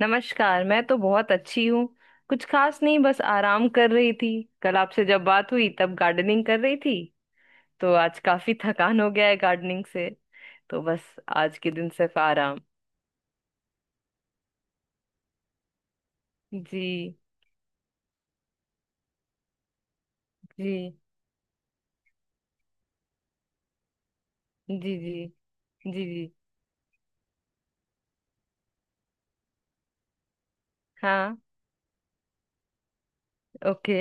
नमस्कार। मैं तो बहुत अच्छी हूँ। कुछ खास नहीं, बस आराम कर रही थी। कल आपसे जब बात हुई तब गार्डनिंग कर रही थी। तो आज काफी थकान हो गया है गार्डनिंग से। तो बस आज के दिन सिर्फ आराम। जी। जी। जी। जी। जी। जी। हाँ। ओके।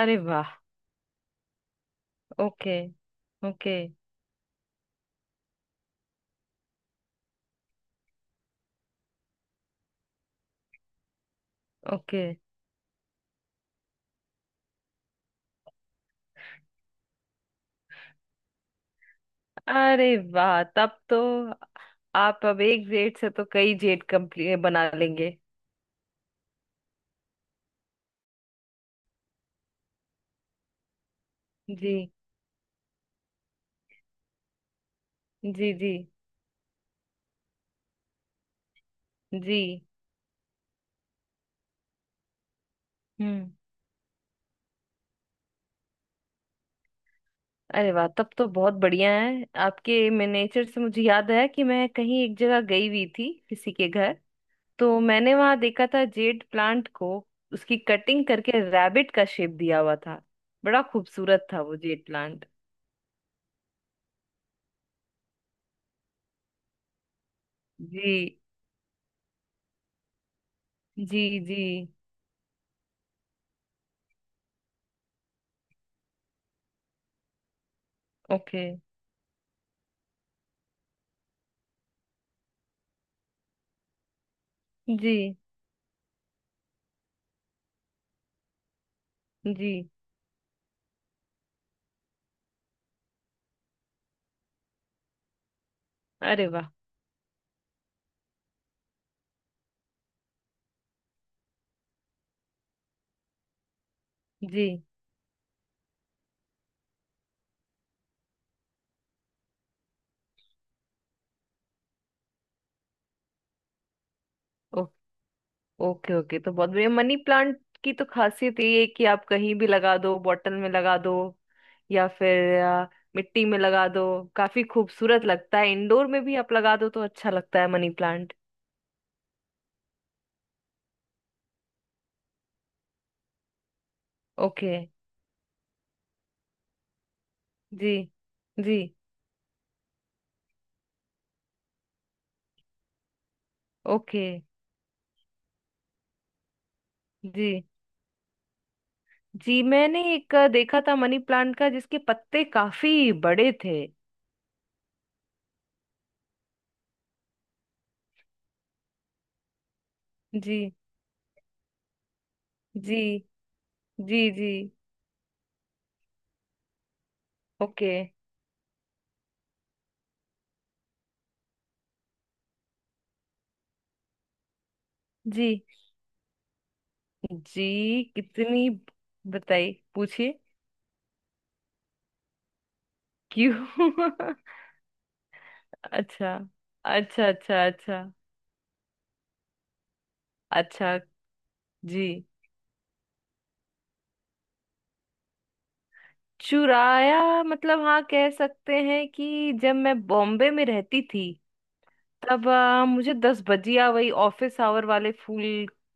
अरे वाह। ओके। ओके। ओके। अरे वाह, तब तो आप अब एक जेड से तो कई जेड कंप्लीट बना लेंगे। जी जी। जी जी। हम्म। अरे वाह, तब तो बहुत बढ़िया है आपके मिनिएचर से। मुझे याद आया कि मैं कहीं एक जगह गई हुई थी, किसी के घर। तो मैंने वहां देखा था जेड प्लांट को। उसकी कटिंग करके रैबिट का शेप दिया हुआ था। बड़ा खूबसूरत था वो जेड प्लांट। जी जी जी। ओके। जी जी। अरे वाह। जी। ओके ओके, तो बहुत बढ़िया। मनी प्लांट की तो खासियत ये है कि आप कहीं भी लगा दो, बॉटल में लगा दो या फिर मिट्टी में लगा दो। काफी खूबसूरत लगता है, इंडोर में भी आप लगा दो तो अच्छा लगता है मनी प्लांट। ओके। जी जी। ओके। जी जी मैंने एक देखा था मनी प्लांट का जिसके पत्ते काफी बड़े थे। जी जी। जी जी। ओके। जी जी। कितनी? बताइए, पूछिए। क्यों? अच्छा। अच्छा अच्छा अच्छा। अच्छा। जी। चुराया मतलब हाँ, कह सकते हैं कि जब मैं बॉम्बे में रहती थी, तब मुझे दस बजिया वही ऑफिस आवर वाले फूल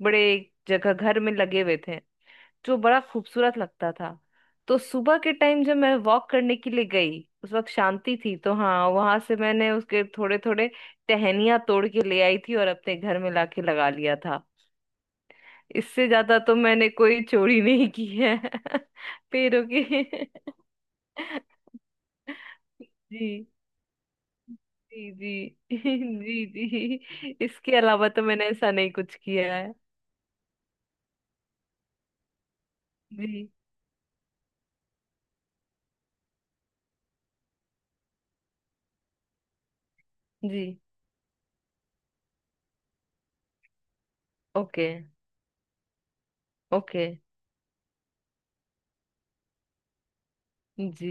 बड़े जगह घर में लगे हुए थे जो बड़ा खूबसूरत लगता था। तो सुबह के टाइम जब मैं वॉक करने के लिए गई, उस वक्त शांति थी, तो हाँ, वहां से मैंने उसके थोड़े थोड़े टहनियां तोड़ के ले आई थी और अपने घर में लाके लगा लिया था। इससे ज्यादा तो मैंने कोई चोरी नहीं की है पैरों की जी जी जी जी जी, इसके अलावा तो मैंने ऐसा नहीं कुछ किया है। जी जी। Okay okay. जी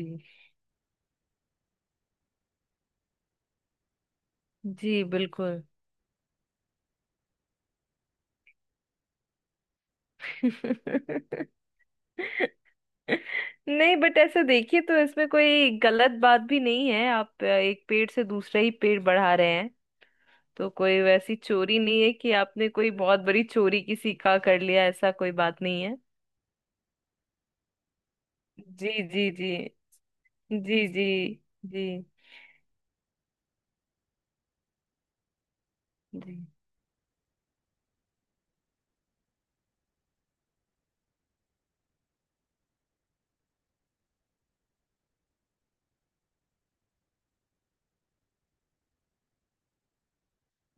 जी बिल्कुल। नहीं, बट ऐसे देखिए तो इसमें कोई गलत बात भी नहीं है, आप एक पेड़ से दूसरा ही पेड़ बढ़ा रहे। तो कोई वैसी चोरी नहीं है कि आपने कोई बहुत बड़ी चोरी किसी का कर लिया, ऐसा कोई बात नहीं है। जी जी जी। जी जी। जी जी।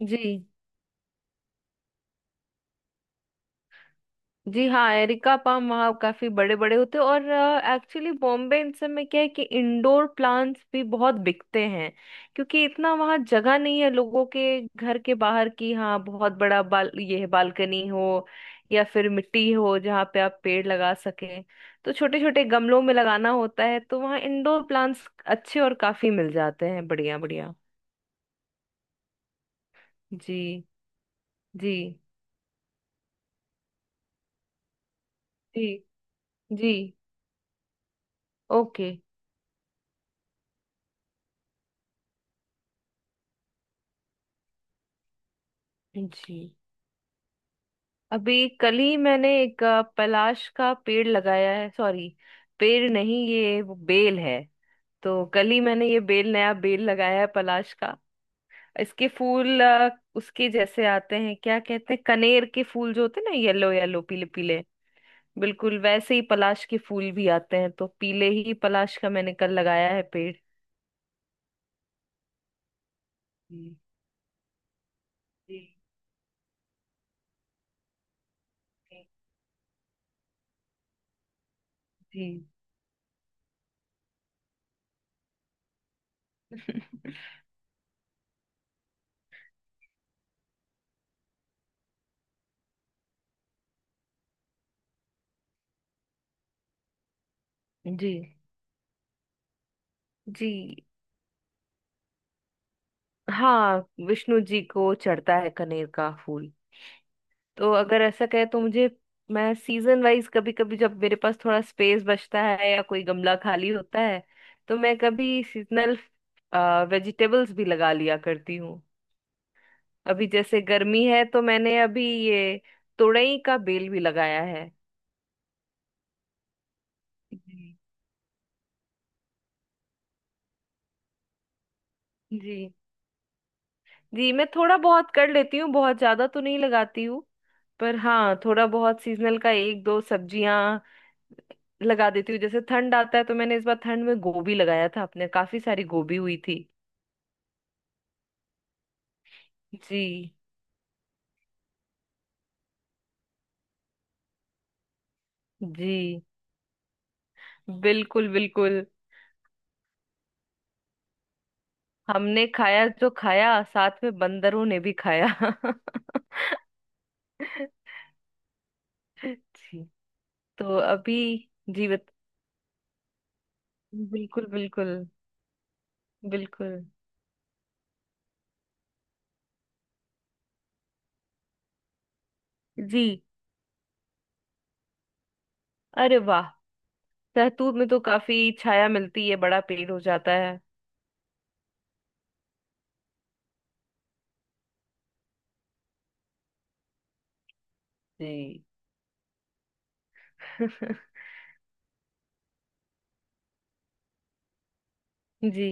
जी जी। हाँ, एरिका पाम वहाँ काफी बड़े बड़े होते हैं। और एक्चुअली बॉम्बे इन सब में क्या है कि इंडोर प्लांट्स भी बहुत बिकते हैं, क्योंकि इतना वहाँ जगह नहीं है लोगों के घर के बाहर की। हाँ, बहुत बड़ा बाल ये है, बालकनी हो या फिर मिट्टी हो जहाँ पे आप पेड़ लगा सकें। तो छोटे छोटे गमलों में लगाना होता है, तो वहाँ इंडोर प्लांट्स अच्छे और काफी मिल जाते हैं, बढ़िया बढ़िया। जी जी जी जी। ओके। जी। अभी कल ही मैंने एक पलाश का पेड़ लगाया है। सॉरी, पेड़ नहीं, ये वो बेल है। तो कल ही मैंने ये बेल, नया बेल लगाया है पलाश का। इसके फूल उसके जैसे आते हैं, क्या कहते हैं कनेर के फूल जो होते हैं ना, येलो येलो, पीले पीले। बिल्कुल वैसे ही पलाश के फूल भी आते हैं, तो पीले ही पलाश का मैंने कल लगाया है पेड़। जी जी जी जी जी। हाँ, विष्णु जी को चढ़ता है कनेर का फूल। तो अगर ऐसा कहे तो मुझे, मैं सीजन वाइज कभी कभी जब मेरे पास थोड़ा स्पेस बचता है या कोई गमला खाली होता है, तो मैं कभी सीजनल वेजिटेबल्स भी लगा लिया करती हूँ। अभी जैसे गर्मी है तो मैंने अभी ये तुरई का बेल भी लगाया है। जी जी जी, मैं थोड़ा बहुत कर लेती हूँ, बहुत ज्यादा तो नहीं लगाती हूँ। पर हाँ, थोड़ा बहुत सीजनल का, एक दो सब्जियां लगा देती हूँ। जैसे ठंड आता है तो मैंने इस बार ठंड में गोभी लगाया था, अपने काफी सारी गोभी हुई थी। जी जी बिल्कुल बिल्कुल। हमने खाया, जो खाया साथ में बंदरों ने भी खाया जी। तो अभी। जीवित। बिल्कुल बिल्कुल। बिल्कुल। जी। अरे वाह। सहतूत में तो काफी छाया मिलती है, बड़ा पेड़ हो जाता है। जी जी।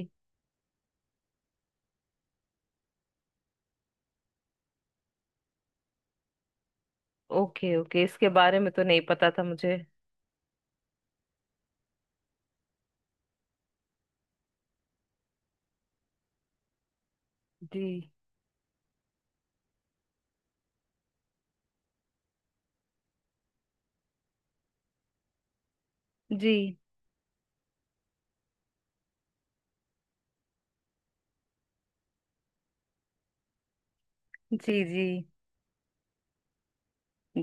ओके ओके, इसके बारे में तो नहीं पता था मुझे। जी जी जी जी।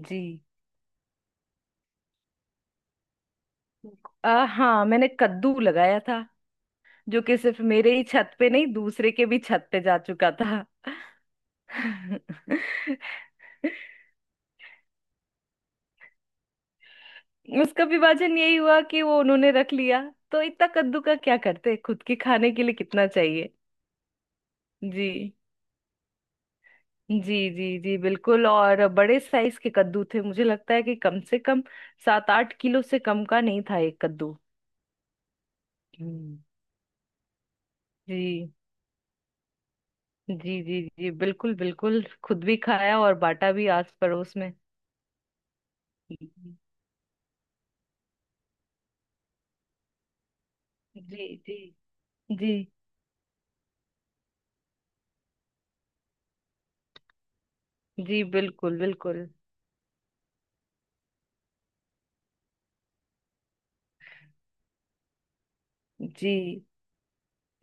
जी हाँ, मैंने कद्दू लगाया था। जो कि सिर्फ मेरे ही छत पे नहीं, दूसरे के भी छत पे जा चुका था उसका विभाजन यही हुआ कि वो उन्होंने रख लिया। तो इतना कद्दू का क्या करते, खुद के खाने के लिए कितना चाहिए। जी जी जी। जी बिल्कुल। और बड़े साइज के कद्दू थे, मुझे लगता है कि कम से कम 7-8 किलो से कम का नहीं था एक कद्दू। हम्म। जी जी जी। जी बिल्कुल बिल्कुल, खुद भी खाया और बांटा भी आस पड़ोस में। जी जी जी। जी बिल्कुल बिल्कुल। जी।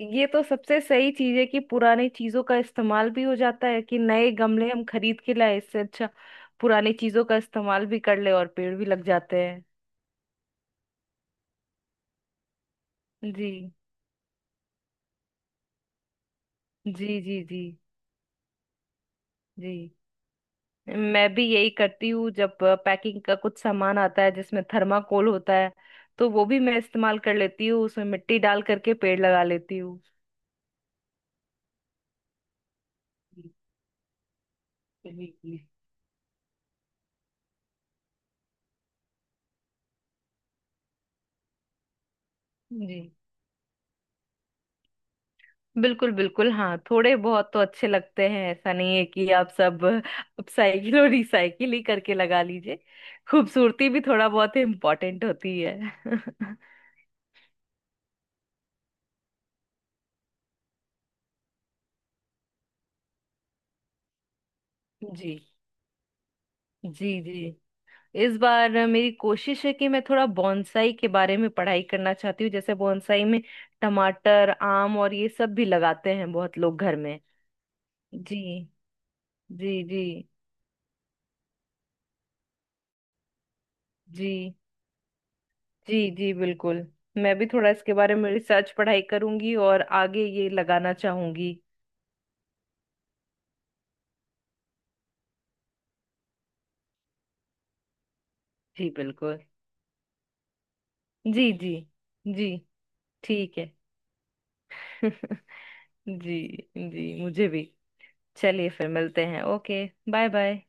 ये तो सबसे सही चीज है कि पुरानी चीजों का इस्तेमाल भी हो जाता है। कि नए गमले हम खरीद के लाए, इससे अच्छा पुरानी चीजों का इस्तेमाल भी कर ले और पेड़ भी लग जाते हैं। जी जी जी जी जी। मैं भी यही करती हूँ। जब पैकिंग का कुछ सामान आता है जिसमें थर्माकोल होता है, तो वो भी मैं इस्तेमाल कर लेती हूँ, उसमें मिट्टी डाल करके पेड़ लगा लेती हूँ। बिल्कुल। जी। बिल्कुल बिल्कुल, हाँ थोड़े बहुत तो अच्छे लगते हैं। ऐसा नहीं है कि आप सब अपसाइकिल और रिसाइकिल ही करके लगा लीजिए, खूबसूरती भी थोड़ा बहुत इम्पोर्टेंट होती है। जी जी जी। इस बार मेरी कोशिश है कि मैं थोड़ा बॉन्साई के बारे में पढ़ाई करना चाहती हूँ। जैसे बॉन्साई में टमाटर, आम और ये सब भी लगाते हैं बहुत लोग घर में। जी जी जी जी जी। जी बिल्कुल। मैं भी थोड़ा इसके बारे में रिसर्च पढ़ाई करूंगी और आगे ये लगाना चाहूंगी। जी बिल्कुल। जी जी। जी। ठीक है। जी। जी मुझे भी। चलिए फिर मिलते हैं। ओके। Bye bye.